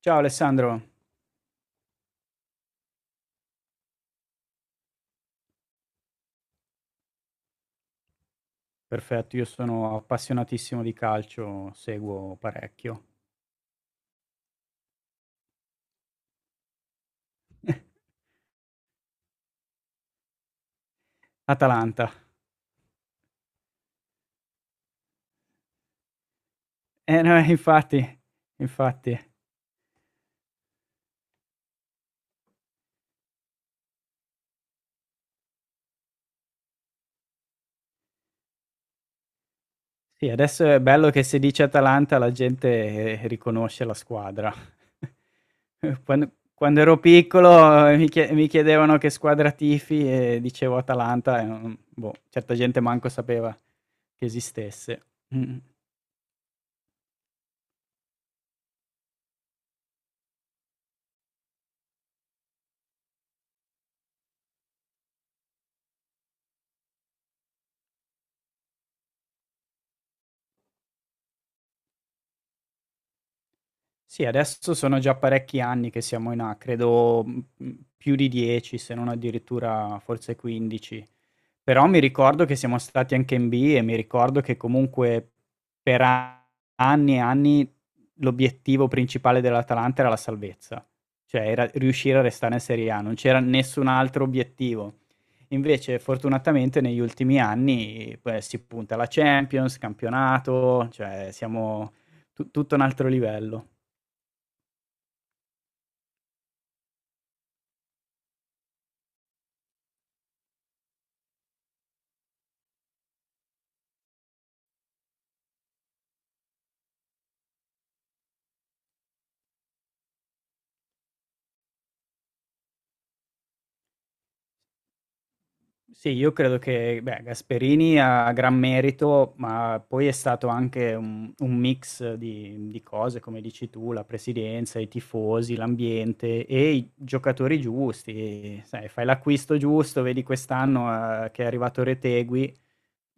Ciao Alessandro, perfetto, io sono appassionatissimo di calcio, seguo parecchio. Atalanta. Eh no, infatti, infatti. Sì, adesso è bello che se dice Atalanta la gente riconosce la squadra. Quando ero piccolo mi chiedevano che squadra tifi e dicevo Atalanta e boh, certa gente manco sapeva che esistesse. Mm. Sì, adesso sono già parecchi anni che siamo in A, credo, mhmm, più di 10 se non addirittura forse 15. Però mi ricordo che siamo stati anche in B e mi ricordo che comunque per a- anni e anni l'obiettivo principale dell'Atalanta era la salvezza, cioè era riuscire a restare in Serie A, non c'era nessun altro obiettivo. Invece fortunatamente negli ultimi anni, beh, si punta alla Champions, campionato, cioè siamo tu tutto un altro livello. Sì, io credo che beh, Gasperini ha gran merito, ma poi è stato anche un mix di cose, come dici tu, la presidenza, i tifosi, l'ambiente e i giocatori giusti. Sai, fai l'acquisto giusto, vedi quest'anno che è arrivato Retegui,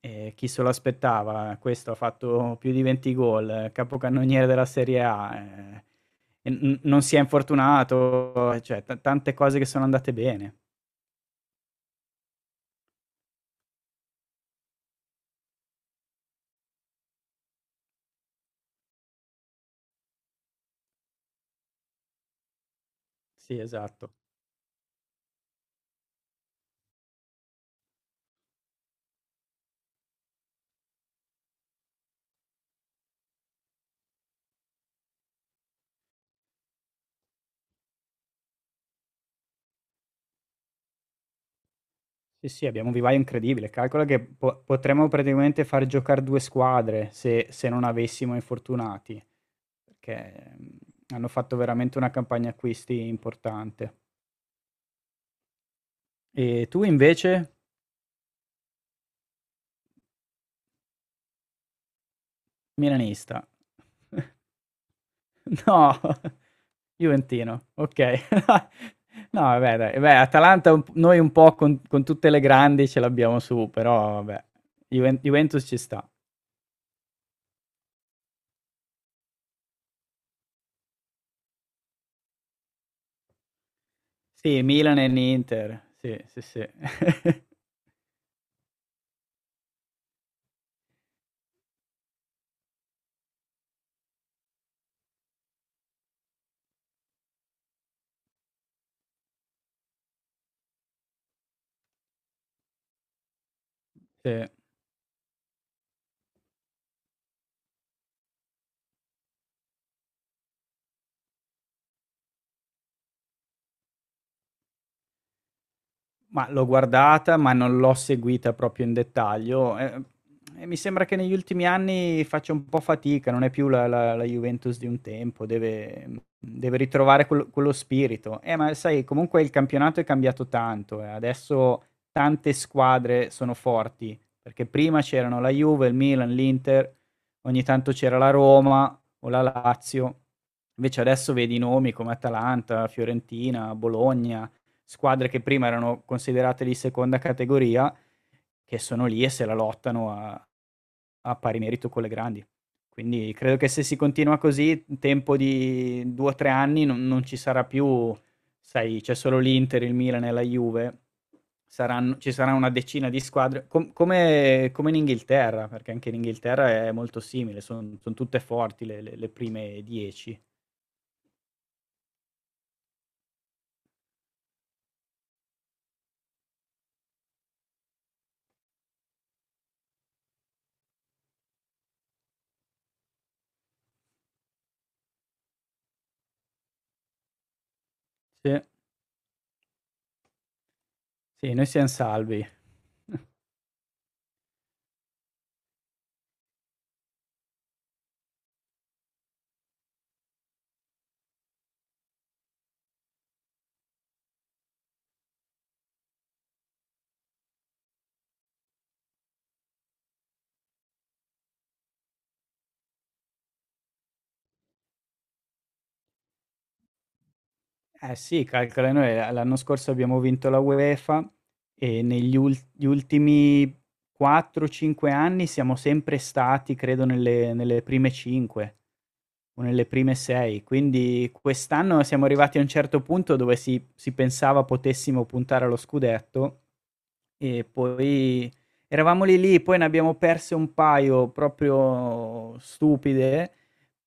chi se lo aspettava? Questo ha fatto più di 20 gol, capocannoniere della Serie A, e non si è infortunato, cioè tante cose che sono andate bene. Sì, esatto. Sì, sì, abbiamo un vivaio incredibile. Calcola che potremmo praticamente far giocare due squadre se non avessimo infortunati, perché hanno fatto veramente una campagna acquisti importante. E tu invece, milanista? No, Juventino, ok. No, vabbè, dai. Beh, noi un po' con tutte le grandi ce l'abbiamo su, però vabbè, Juventus ci sta. Sì, Milan e Inter, sì, sì, sì. Sì. Ma l'ho guardata, ma non l'ho seguita proprio in dettaglio. E mi sembra che negli ultimi anni faccia un po' fatica, non è più la Juventus di un tempo, deve ritrovare quello spirito. Ma sai, comunque il campionato è cambiato tanto, eh. Adesso tante squadre sono forti, perché prima c'erano la Juve, il Milan, l'Inter, ogni tanto c'era la Roma o la Lazio. Invece adesso vedi nomi come Atalanta, Fiorentina, Bologna, squadre che prima erano considerate di seconda categoria che sono lì e se la lottano a pari merito con le grandi. Quindi credo che se si continua così, in tempo di due o tre anni non ci sarà più, sai, c'è solo l'Inter, il Milan e la Juve, saranno, ci sarà una decina di squadre, come in Inghilterra, perché anche in Inghilterra è molto simile, son tutte forti le prime 10. Sì. Sì, noi siamo salvi. Eh sì, calcola noi l'anno scorso abbiamo vinto la UEFA e negli ul gli ultimi 4, 5 anni siamo sempre stati, credo, nelle prime 5 o nelle prime 6. Quindi quest'anno siamo arrivati a un certo punto dove si pensava potessimo puntare allo scudetto e poi eravamo lì lì, poi ne abbiamo perse un paio proprio stupide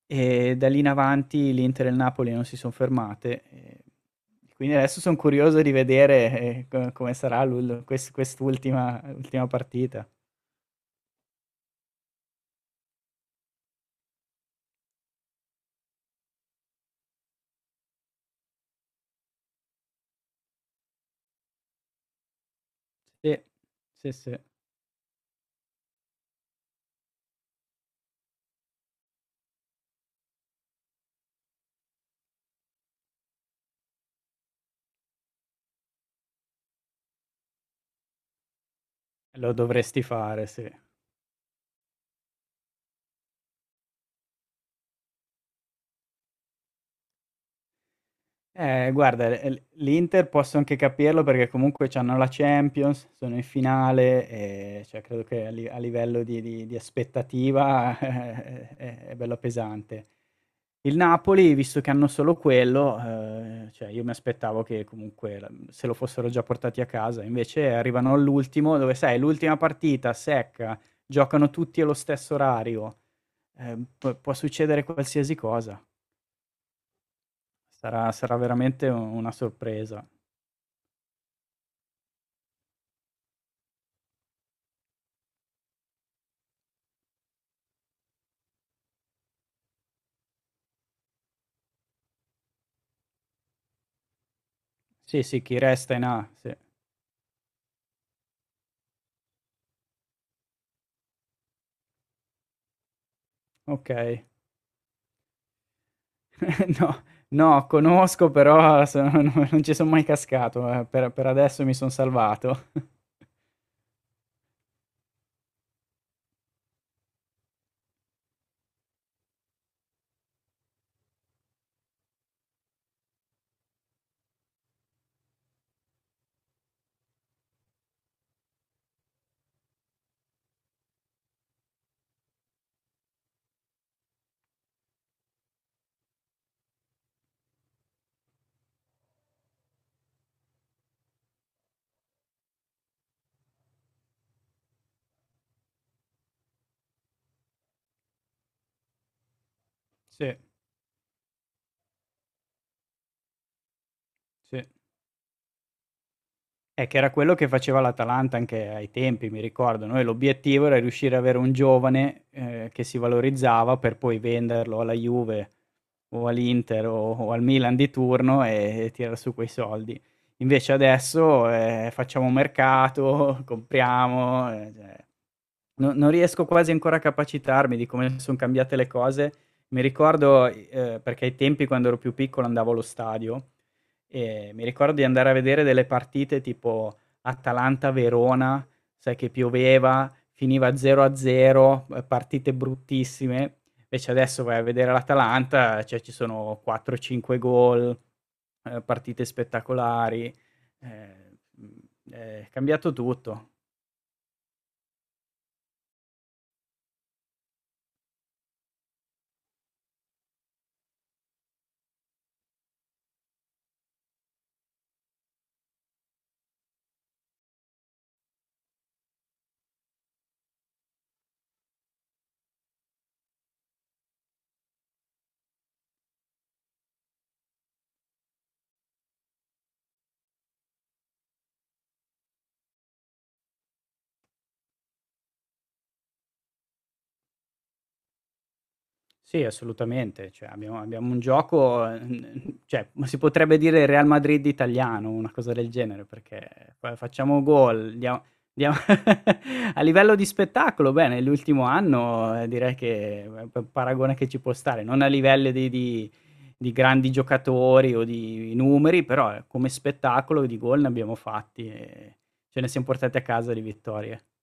e da lì in avanti l'Inter e il Napoli non si sono fermate. E quindi adesso sono curioso di vedere come sarà quest'ultima ultima partita. Sì, sì, sì. Lo dovresti fare, sì. Guarda, l'Inter posso anche capirlo perché comunque c'hanno la Champions, sono in finale e cioè credo che a livello di aspettativa è bella pesante. Il Napoli, visto che hanno solo quello, cioè io mi aspettavo che comunque la se lo fossero già portati a casa, invece arrivano all'ultimo dove sai l'ultima partita secca, giocano tutti allo stesso orario, p può succedere qualsiasi cosa. Sarà veramente u una sorpresa. Sì, sì, chi resta in A, sì. Okay. No, no, conosco però sono no non ci son mai cascato, per adesso mi son salvato. Sì, sì. Che era quello che faceva l'Atalanta anche ai tempi, mi ricordo. Noi l'obiettivo era riuscire a avere un giovane, che si valorizzava per poi venderlo alla Juve, o all'Inter o al Milan di turno e tirar su quei soldi. Invece adesso, facciamo mercato, compriamo, cioè no non riesco quasi ancora a capacitarmi di come son cambiate le cose. Mi ricordo i perché ai tempi quando ero più piccolo andavo allo stadio, e mi ricordo di andare a vedere delle partite tipo Atalanta-Verona, sai che pioveva, finiva 0-0, partite bruttissime. Invece adesso vai a vedere l'Atalanta, cioè ci sono 4-5 gol, partite spettacolari, mm, è cambiato tutto. Sì, assolutamente. Cioè, abbiamo un gioco, cioè, ma si potrebbe dire Real Madrid italiano, una cosa del genere, perché fa facciamo gol, dia a livello di spettacolo, beh, nell'ultimo anno, direi che è p paragone che ci può stare, non a livelli di grandi giocatori o di numeri, però come spettacolo di gol ne abbiamo fatti e ce ne siam portati a casa di vittorie.